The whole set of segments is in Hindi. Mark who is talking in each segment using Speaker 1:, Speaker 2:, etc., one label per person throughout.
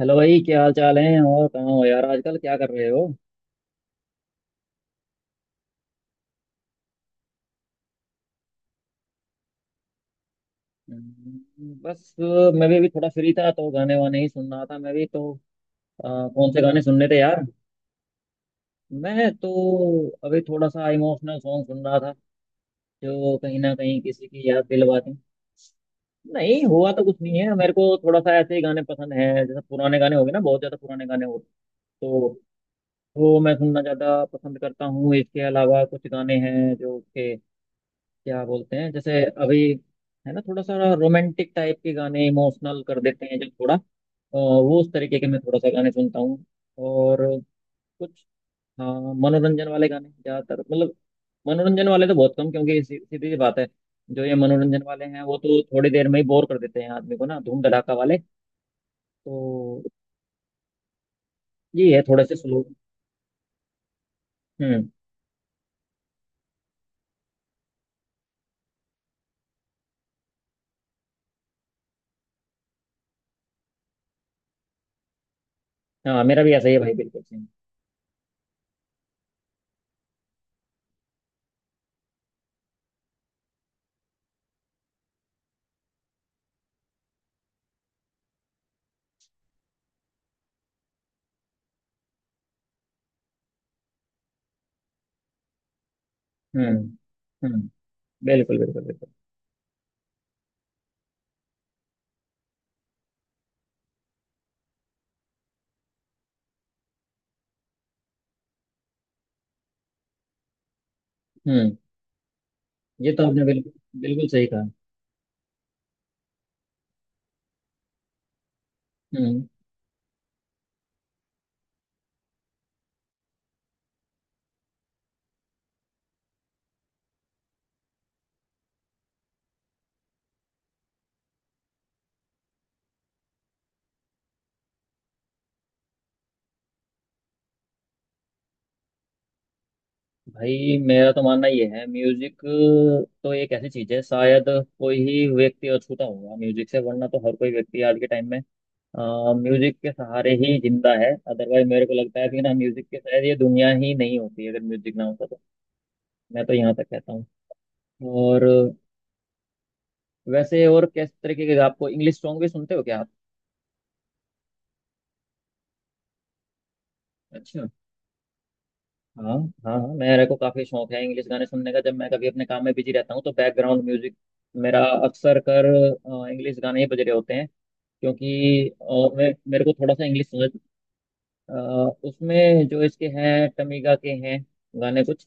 Speaker 1: हेलो भाई, क्या हाल चाल है? और कहाँ हो यार, आजकल क्या कर रहे हो? बस मैं भी अभी थोड़ा फ्री था तो गाने वाने ही सुन रहा था, मैं भी तो। अ, कौन से गाने सुनने थे यार? मैं तो अभी थोड़ा सा इमोशनल सॉन्ग सुन रहा था जो कहीं ना कहीं किसी की याद दिलवाते हैं। नहीं हुआ तो कुछ नहीं है, मेरे को थोड़ा सा ऐसे ही गाने पसंद हैं। जैसे पुराने गाने हो गए ना, बहुत ज्यादा पुराने गाने हो, तो वो मैं सुनना ज्यादा पसंद करता हूँ। इसके अलावा कुछ गाने हैं जो के क्या बोलते हैं, जैसे अभी, है ना, थोड़ा सा रोमांटिक टाइप के गाने इमोशनल कर देते हैं जो थोड़ा, वो उस तरीके के मैं थोड़ा सा गाने सुनता हूँ। और कुछ, हाँ, मनोरंजन वाले गाने ज्यादातर, मतलब मनोरंजन वाले तो बहुत कम, क्योंकि सीधी सी बात है, जो ये मनोरंजन वाले हैं वो तो थोड़ी देर में ही बोर कर देते हैं आदमी को ना, धूम धड़ाका वाले। तो ये है थोड़े से स्लो। हम्म। हाँ, मेरा भी ऐसा ही है भाई, बिल्कुल सही। हम्म। हम्म। बिल्कुल बिल्कुल बिल्कुल। हम्म। ये तो आपने बिल्कुल बिल्कुल सही कहा। हम्म। भाई, मेरा तो मानना ये है, म्यूजिक तो एक ऐसी चीज है शायद, कोई ही व्यक्ति अछूता होगा म्यूजिक से, वरना तो हर कोई व्यक्ति आज के टाइम में म्यूजिक के सहारे ही जिंदा है। अदरवाइज मेरे को लगता है कि ना, म्यूजिक के शायद ये दुनिया ही नहीं होती अगर म्यूजिक ना होता तो। मैं तो यहाँ तक कहता हूँ। और वैसे, और किस तरीके के, आपको इंग्लिश सॉन्ग भी सुनते हो क्या आप? अच्छा। हाँ। हाँ हाँ, मेरे को काफी शौक है इंग्लिश गाने सुनने का, जब मैं कभी अपने काम में बिजी रहता हूँ तो बैकग्राउंड म्यूजिक मेरा अक्सर कर, इंग्लिश गाने ही बज रहे होते हैं। क्योंकि और मैं, मेरे को थोड़ा सा इंग्लिश समझ, अ, उसमें जो इसके हैं, टमीगा के हैं गाने कुछ,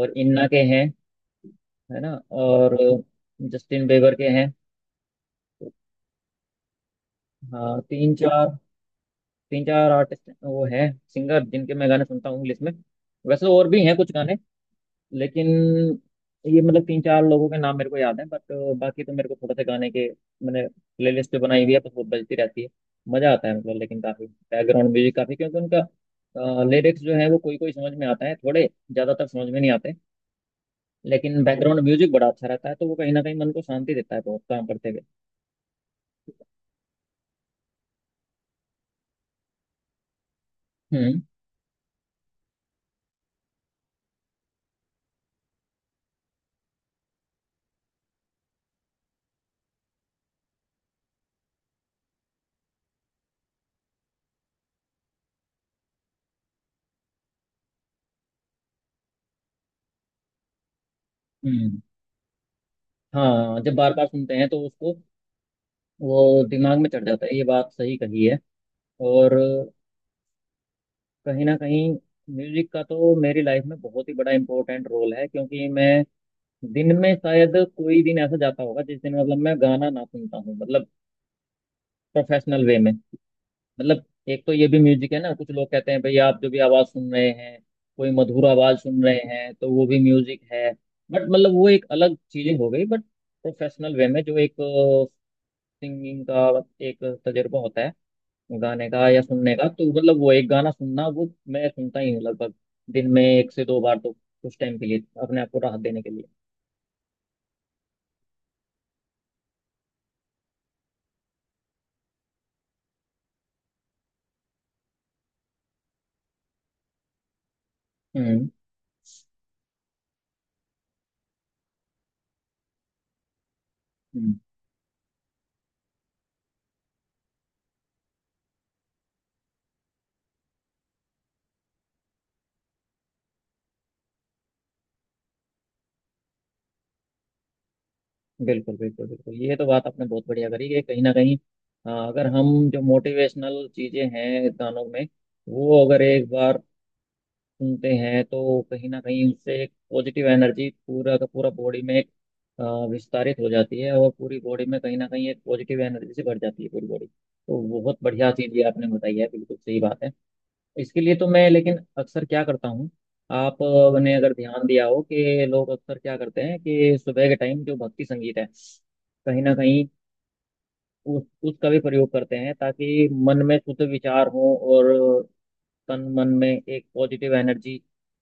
Speaker 1: और इन्ना के हैं, है ना, और जस्टिन बेबर के हैं। हाँ, तीन चार, तीन चार आर्टिस्ट वो हैं, सिंगर, जिनके मैं गाने सुनता हूँ इंग्लिश में। वैसे और भी हैं कुछ गाने, लेकिन ये मतलब तीन चार लोगों के नाम मेरे को याद है, बट बाकी तो मेरे को थोड़ा सा गाने के मैंने प्लेलिस्ट पे बनाई हुई है, बस वो बजती रहती है। मजा आता है मतलब, लेकिन काफी बैकग्राउंड म्यूजिक काफी, क्योंकि उनका लिरिक्स जो है वो कोई कोई समझ में आता है, थोड़े ज्यादातर समझ में नहीं आते। लेकिन बैकग्राउंड म्यूजिक बड़ा अच्छा रहता है, तो वो कहीं ना कहीं मन को शांति देता है बहुत, काम करते हुए। हम्म। हम्म। हाँ, जब बार बार सुनते हैं तो उसको, वो दिमाग में चढ़ जाता है, ये बात सही कही है। और कहीं ना कहीं म्यूजिक का तो मेरी लाइफ में बहुत ही बड़ा इंपॉर्टेंट रोल है, क्योंकि मैं दिन में शायद कोई दिन ऐसा जाता होगा जिस दिन मतलब मैं गाना ना सुनता हूँ, मतलब प्रोफेशनल वे में। मतलब एक तो ये भी म्यूजिक है ना, कुछ लोग कहते हैं भाई आप जो भी आवाज़ सुन रहे हैं, कोई मधुर आवाज़ सुन रहे हैं तो वो भी म्यूजिक है। बट मतलब वो एक अलग चीज़ें हो गई, बट प्रोफेशनल वे में जो एक सिंगिंग का एक तजुर्बा होता है गाने का या सुनने का, तो मतलब वो एक गाना सुनना, वो मैं सुनता ही हूँ लगभग दिन में एक से दो बार, तो कुछ टाइम के लिए अपने आप को राहत देने के लिए। हम्म। हम्म, बिल्कुल बिल्कुल बिल्कुल, ये तो बात आपने बहुत बढ़िया करी, कि कहीं ना कहीं अगर हम जो मोटिवेशनल चीजें हैं गानों में, वो अगर एक बार सुनते हैं, तो कहीं ना कहीं उससे एक पॉजिटिव एनर्जी पूरा का पूरा बॉडी में एक, विस्तारित हो जाती है और पूरी बॉडी में कहीं ना कहीं एक पॉजिटिव एनर्जी से भर जाती है पूरी बॉडी। तो बहुत बढ़िया चीज़ ये आपने बताई है, बिल्कुल सही बात है। इसके लिए तो मैं लेकिन अक्सर क्या करता हूँ, आपने अगर ध्यान दिया हो कि लोग अक्सर क्या करते हैं, कि सुबह के टाइम जो भक्ति संगीत है, कहीं ना कहीं उस, उसका भी प्रयोग करते हैं, ताकि मन में शुद्ध विचार हो और तन मन में एक पॉजिटिव एनर्जी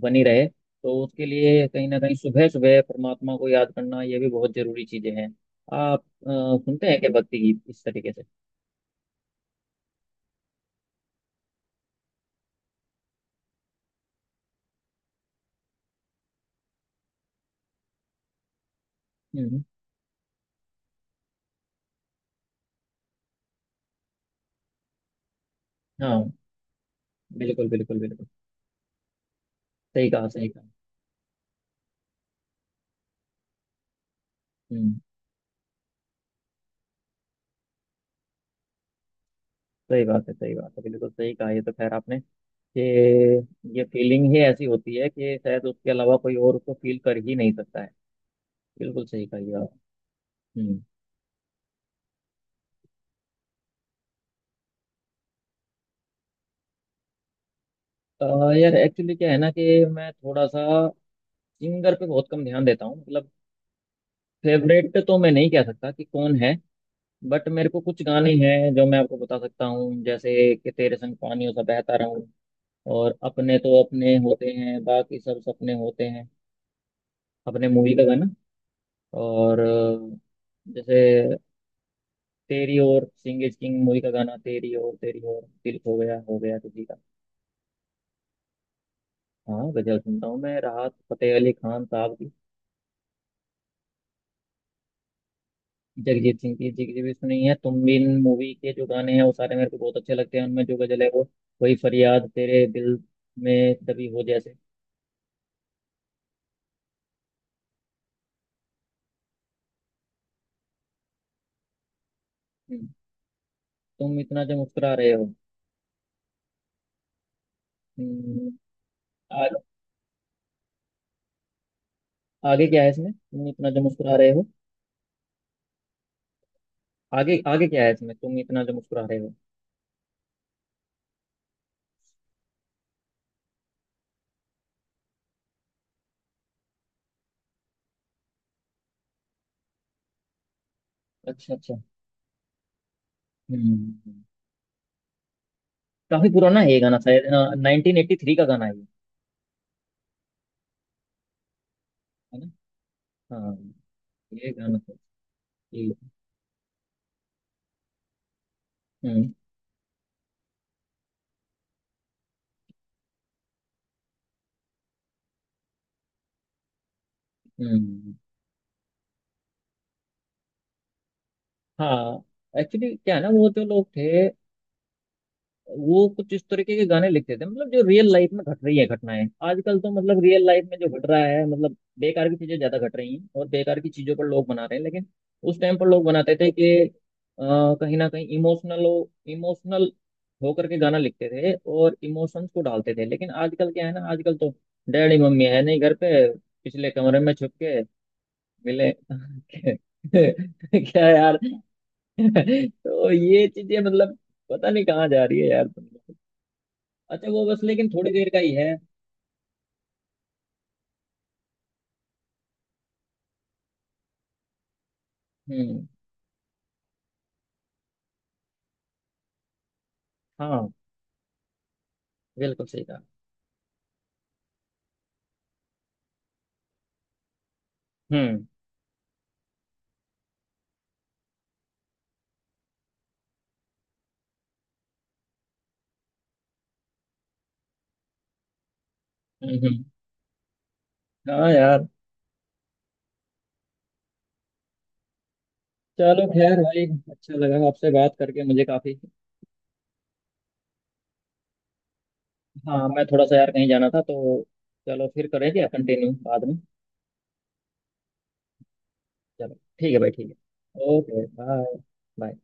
Speaker 1: बनी रहे। तो उसके लिए कहीं ना कहीं सुबह सुबह परमात्मा को याद करना, ये भी बहुत जरूरी चीजें हैं। आप सुनते हैं क्या भक्ति गीत इस तरीके से? हम्म। हाँ, बिल्कुल बिल्कुल बिल्कुल। सही कहा, सही कहा। हम्म। सही बात है, सही बात है, बिल्कुल सही कहा। ये तो खैर आपने, कि ये फीलिंग ही ऐसी होती है कि शायद उसके अलावा कोई और उसको फील कर ही नहीं सकता है। बिल्कुल सही कहा ये आप। हम्म। अ, यार एक्चुअली क्या है ना कि मैं थोड़ा सा सिंगर पे बहुत कम ध्यान देता हूँ, मतलब फेवरेट तो मैं नहीं कह सकता कि कौन है, बट मेरे को कुछ गाने हैं जो मैं आपको बता सकता हूँ, जैसे कि तेरे संग पानियों सा बहता रहूं, और अपने तो अपने होते हैं बाकी सब सपने होते हैं, अपने मूवी का गाना। और जैसे तेरी और सिंह इज किंग मूवी का गाना, तेरी और, तेरी और दिल खो गया हो गया किसी का। हाँ, गजल सुनता हूँ मैं, राहत फतेह अली खान साहब। जगजीत सिंह की, जी की भी सुनी है, तुम बिन मूवी के जो गाने हैं वो सारे मेरे को बहुत अच्छे लगते हैं, उनमें जो गजल है, वो कोई फरियाद तेरे दिल में दबी हो जैसे। हम्म, तुम इतना जो मुस्कुरा रहे हो। हम्म। आ, आगे क्या है इसमें तुम इतना जो मुस्कुरा रहे हो, आगे आगे क्या है इसमें तुम इतना जो मुस्कुरा रहे हो। अच्छा, अच्छा। हम्म। काफी पुराना है ये गाना शायद। हाँ, 1983 का गाना है ये। है ना? हाँ। ये गाना ये। हम्म। हम्म। हाँ, एक्चुअली क्या है ना, वो जो लोग थे वो कुछ इस तरीके के गाने लिखते थे, मतलब जो रियल लाइफ में घट रही है घटनाएं। आजकल तो मतलब रियल लाइफ में जो घट रहा है, मतलब बेकार की चीजें ज्यादा घट रही हैं और बेकार की चीजों पर लोग बना रहे हैं। लेकिन उस टाइम पर लोग बनाते थे कि कहीं ना कहीं इमोशनल हो, इमोशनल होकर के गाना लिखते थे और इमोशंस को डालते थे। लेकिन आजकल क्या है ना, आजकल तो, डैडी मम्मी है नहीं घर पे, पिछले कमरे में छुप के मिले क्या यार। तो ये चीजें मतलब पता नहीं कहाँ जा रही है यार। अच्छा वो बस लेकिन थोड़ी देर का ही है। हम्म। हाँ, बिल्कुल सही कहा। हम्म। हम्म। हाँ यार। चलो खैर भाई, अच्छा लगा आपसे बात करके मुझे काफी। हाँ, मैं थोड़ा सा यार कहीं जाना था तो, चलो फिर करेंगे कंटिन्यू बाद में। चलो ठीक है भाई, ठीक है, ओके बाय। बाय।